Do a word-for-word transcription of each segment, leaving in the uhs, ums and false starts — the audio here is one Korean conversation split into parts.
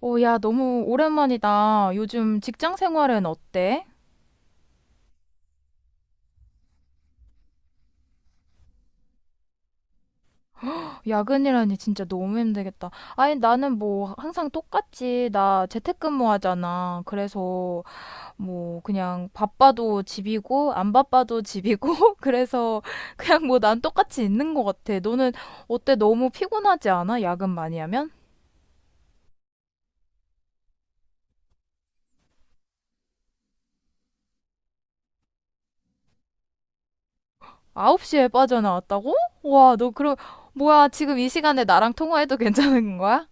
어, 야, 너무 오랜만이다. 요즘 직장 생활은 어때? 야근이라니 진짜 너무 힘들겠다. 아니, 나는 뭐 항상 똑같지. 나 재택근무 하잖아. 그래서 뭐 그냥 바빠도 집이고, 안 바빠도 집이고, 그래서 그냥 뭐 난 똑같이 있는 것 같아. 너는 어때? 너무 피곤하지 않아? 야근 많이 하면? 아홉 시에 빠져나왔다고? 와, 너 그럼, 뭐야, 지금 이 시간에 나랑 통화해도 괜찮은 거야?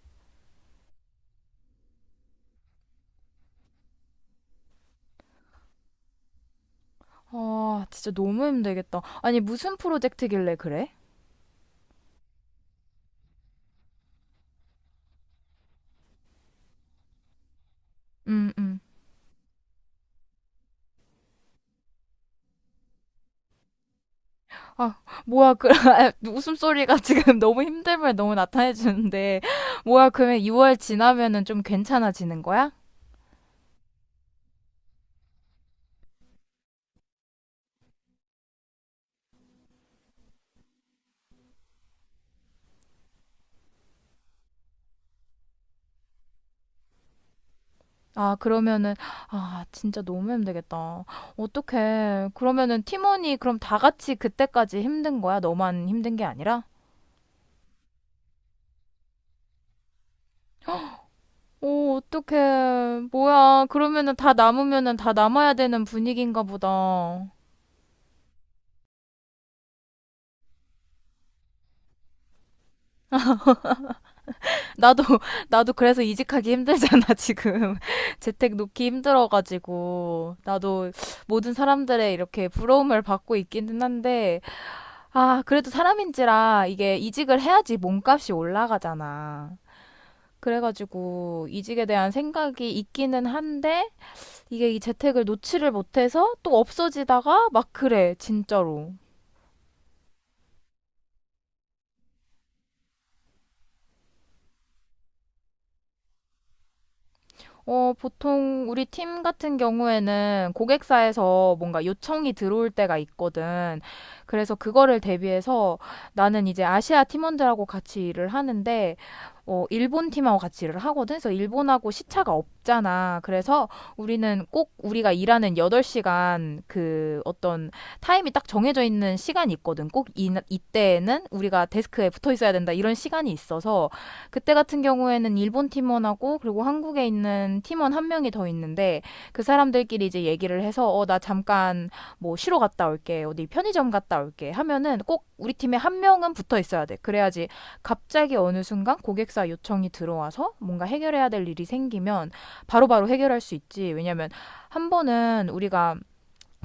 아, 진짜 너무 힘들겠다. 아니, 무슨 프로젝트길래 그래? 음, 음. 아, 뭐야, 그, 웃음소리가 지금 너무 힘듦을 너무 나타내주는데, 뭐야, 그러면 이 월 지나면은 좀 괜찮아지는 거야? 아, 그러면은, 아, 진짜 너무 힘들겠다. 어떡해. 그러면은 팀원이 그럼 다 같이 그때까지 힘든 거야? 너만 힘든 게 아니라? 오, 어떡해. 뭐야. 그러면은 다 남으면은 다 남아야 되는 분위기인가 보다. 나도, 나도 그래서 이직하기 힘들잖아, 지금. 재택 놓기 힘들어가지고. 나도 모든 사람들의 이렇게 부러움을 받고 있기는 한데, 아, 그래도 사람인지라 이게 이직을 해야지 몸값이 올라가잖아. 그래가지고 이직에 대한 생각이 있기는 한데, 이게 이 재택을 놓지를 못해서 또 없어지다가 막 그래, 진짜로. 어, 보통 우리 팀 같은 경우에는 고객사에서 뭔가 요청이 들어올 때가 있거든. 그래서 그거를 대비해서 나는 이제 아시아 팀원들하고 같이 일을 하는데, 어, 일본 팀하고 같이 일을 하거든. 그래서 일본하고 시차가 없잖아. 그래서 우리는 꼭 우리가 일하는 여덟 시간 그 어떤 타임이 딱 정해져 있는 시간이 있거든. 꼭 이, 이때에는 우리가 데스크에 붙어 있어야 된다. 이런 시간이 있어서 그때 같은 경우에는 일본 팀원하고 그리고 한국에 있는 팀원 한 명이 더 있는데 그 사람들끼리 이제 얘기를 해서 어, 나 잠깐 뭐 쉬러 갔다 올게. 어디 편의점 갔다 올게. 하면은 꼭 우리 팀에 한 명은 붙어 있어야 돼. 그래야지 갑자기 어느 순간 고객사 요청이 들어와서 뭔가 해결해야 될 일이 생기면 바로바로 해결할 수 있지. 왜냐면 한 번은 우리가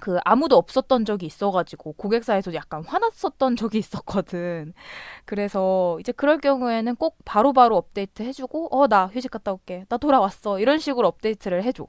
그 아무도 없었던 적이 있어가지고 고객사에서 약간 화났었던 적이 있었거든. 그래서 이제 그럴 경우에는 꼭 바로바로 바로 업데이트 해주고, 어, 나 휴식 갔다 올게. 나 돌아왔어. 이런 식으로 업데이트를 해줘.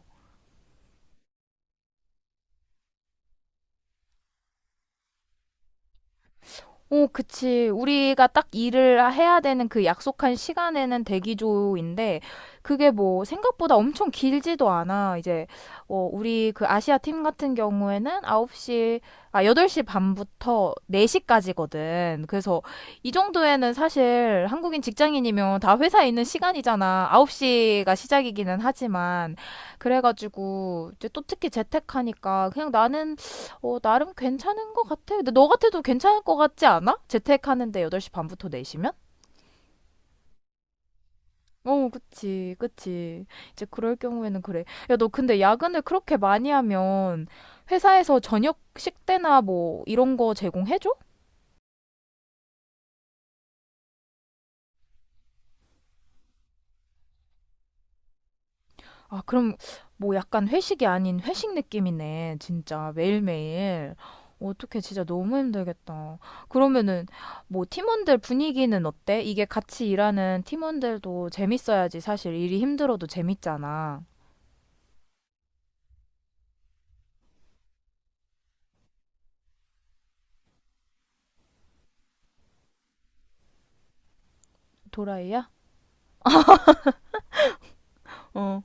오, 그치. 우리가 딱 일을 해야 되는 그 약속한 시간에는 대기조인데, 그게 뭐 생각보다 엄청 길지도 않아. 이제, 어, 우리 그 아시아 팀 같은 경우에는 아홉 시, 아, 여덟 시 반부터 네 시까지거든. 그래서 이 정도에는 사실 한국인 직장인이면 다 회사에 있는 시간이잖아. 아홉 시가 시작이기는 하지만. 그래가지고, 이제 또 특히 재택하니까 그냥 나는 어, 나름 괜찮은 것 같아. 근데 너 같아도 괜찮을 것 같지 않아? 재택하는데 여덟 시 반부터 네 시면? 어, 그치, 그치. 이제 그럴 경우에는 그래. 야, 너 근데 야근을 그렇게 많이 하면 회사에서 저녁 식대나 뭐 이런 거 제공해줘? 아, 그럼 뭐 약간 회식이 아닌 회식 느낌이네. 진짜 매일매일. 어떻게 진짜 너무 힘들겠다. 그러면은 뭐 팀원들 분위기는 어때? 이게 같이 일하는 팀원들도 재밌어야지 사실 일이 힘들어도 재밌잖아. 도라이야? 어.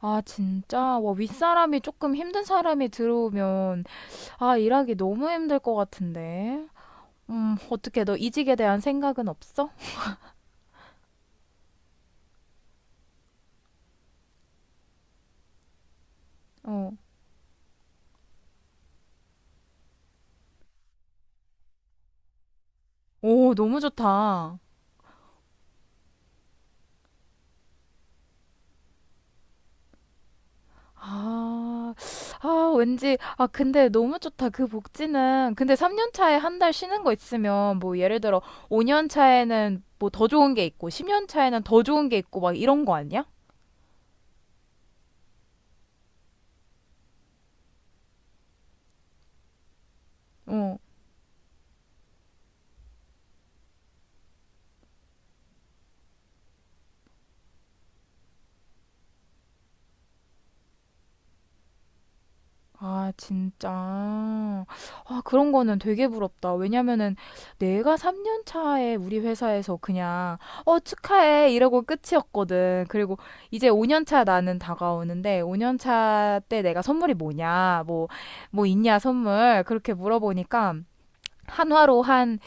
아, 진짜? 와, 윗사람이 조금 힘든 사람이 들어오면 아, 일하기 너무 힘들 것 같은데. 음, 어떻게 너 이직에 대한 생각은 없어? 어. 오, 너무 좋다. 아. 아 왠지 아 근데 너무 좋다. 그 복지는 근데 삼 년 차에 한 달 쉬는 거 있으면 뭐 예를 들어 오 년 차에는 뭐 더 좋은 게 있고 십 년 차에는 더 좋은 게 있고 막 이런 거 아니야? 어. 아, 진짜. 아, 그런 거는 되게 부럽다. 왜냐면은 내가 삼 년 차에 우리 회사에서 그냥, 어, 축하해. 이러고 끝이었거든. 그리고 이제 오 년 차 나는 다가오는데, 오 년 차 때 내가 선물이 뭐냐, 뭐, 뭐 있냐, 선물. 그렇게 물어보니까, 한화로 한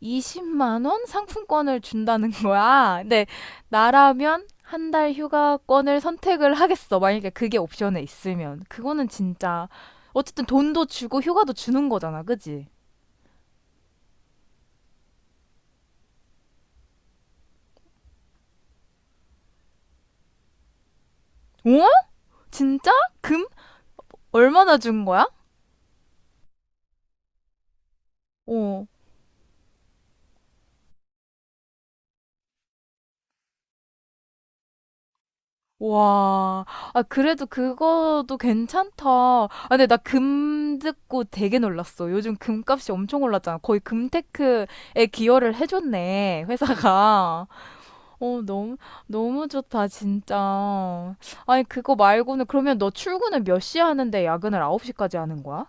이십만 원 상품권을 준다는 거야. 근데 나라면 한 달 휴가권을 선택을 하겠어. 만약에 그게 옵션에 있으면. 그거는 진짜 어쨌든 돈도 주고 휴가도 주는 거잖아. 그지? 어? 진짜? 금? 얼마나 준 거야? 어. 와. 아 그래도 그거도 괜찮다. 아 근데 나 금 듣고 되게 놀랐어. 요즘 금값이 엄청 올랐잖아. 거의 금테크에 기여를 해줬네. 회사가. 어, 너무, 너무 좋다, 진짜. 아니, 그거 말고는, 그러면 너 출근을 몇 시에 하는데 야근을 아홉 시까지 하는 거야?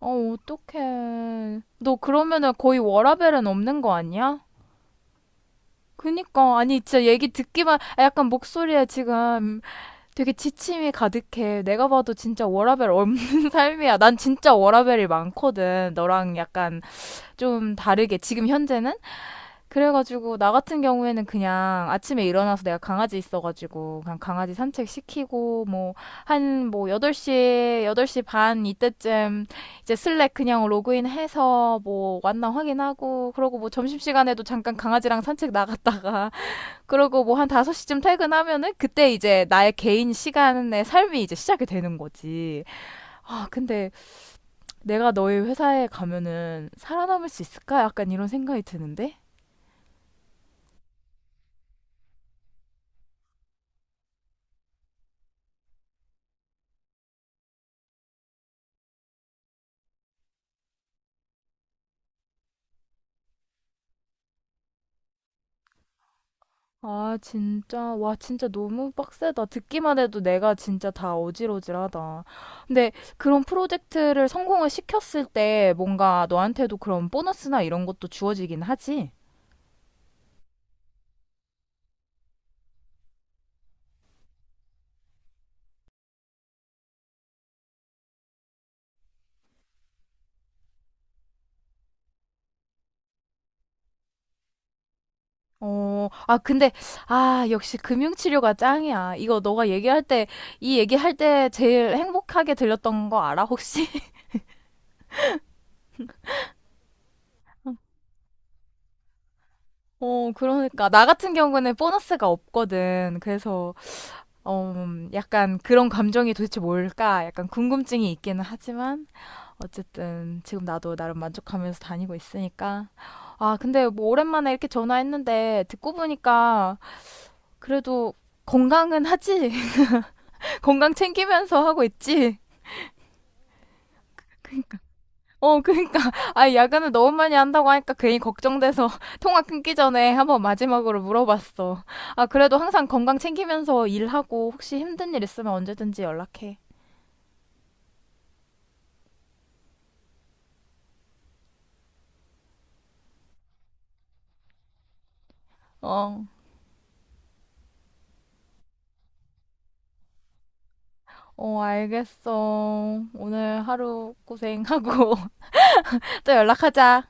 어, 어떡해. 너 그러면은 거의 워라밸은 없는 거 아니야? 그니까, 아니, 진짜 얘기 듣기만, 아, 약간 목소리에 지금 되게 지침이 가득해. 내가 봐도 진짜 워라밸 없는 삶이야. 난 진짜 워라밸이 많거든. 너랑 약간 좀 다르게, 지금 현재는? 그래가지고 나 같은 경우에는 그냥 아침에 일어나서 내가 강아지 있어가지고 그냥 강아지 산책 시키고 뭐 한 뭐 여덟 시, 여덟 시 반 이때쯤 이제 슬랙 그냥 로그인 해서 뭐 왔나 확인하고 그러고 뭐 점심시간에도 잠깐 강아지랑 산책 나갔다가 그러고 뭐 한 다섯 시쯤 퇴근하면은 그때 이제 나의 개인 시간의 삶이 이제 시작이 되는 거지. 아, 근데 내가 너희 회사에 가면은 살아남을 수 있을까? 약간 이런 생각이 드는데. 아, 진짜. 와, 진짜 너무 빡세다. 듣기만 해도 내가 진짜 다 어질어질하다. 근데 그런 프로젝트를 성공을 시켰을 때 뭔가 너한테도 그런 보너스나 이런 것도 주어지긴 하지? 어, 아, 근데, 아, 역시 금융치료가 짱이야. 이거 너가 얘기할 때, 이 얘기할 때 제일 행복하게 들렸던 거 알아, 혹시? 어, 그러니까. 나 같은 경우는 보너스가 없거든. 그래서 어, 음, 약간 그런 감정이 도대체 뭘까? 약간 궁금증이 있기는 하지만 어쨌든 지금 나도 나름 만족하면서 다니고 있으니까 아, 근데 뭐 오랜만에 이렇게 전화했는데 듣고 보니까 그래도 건강은 하지. 건강 챙기면서 하고 있지. 어, 그러니까 아, 야근을 너무 많이 한다고 하니까 괜히 걱정돼서 통화 끊기 전에 한번 마지막으로 물어봤어. 아, 그래도 항상 건강 챙기면서 일하고 혹시 힘든 일 있으면 언제든지 연락해. 어. 어, 알겠어. 오늘 하루 고생하고 또 연락하자.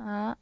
아.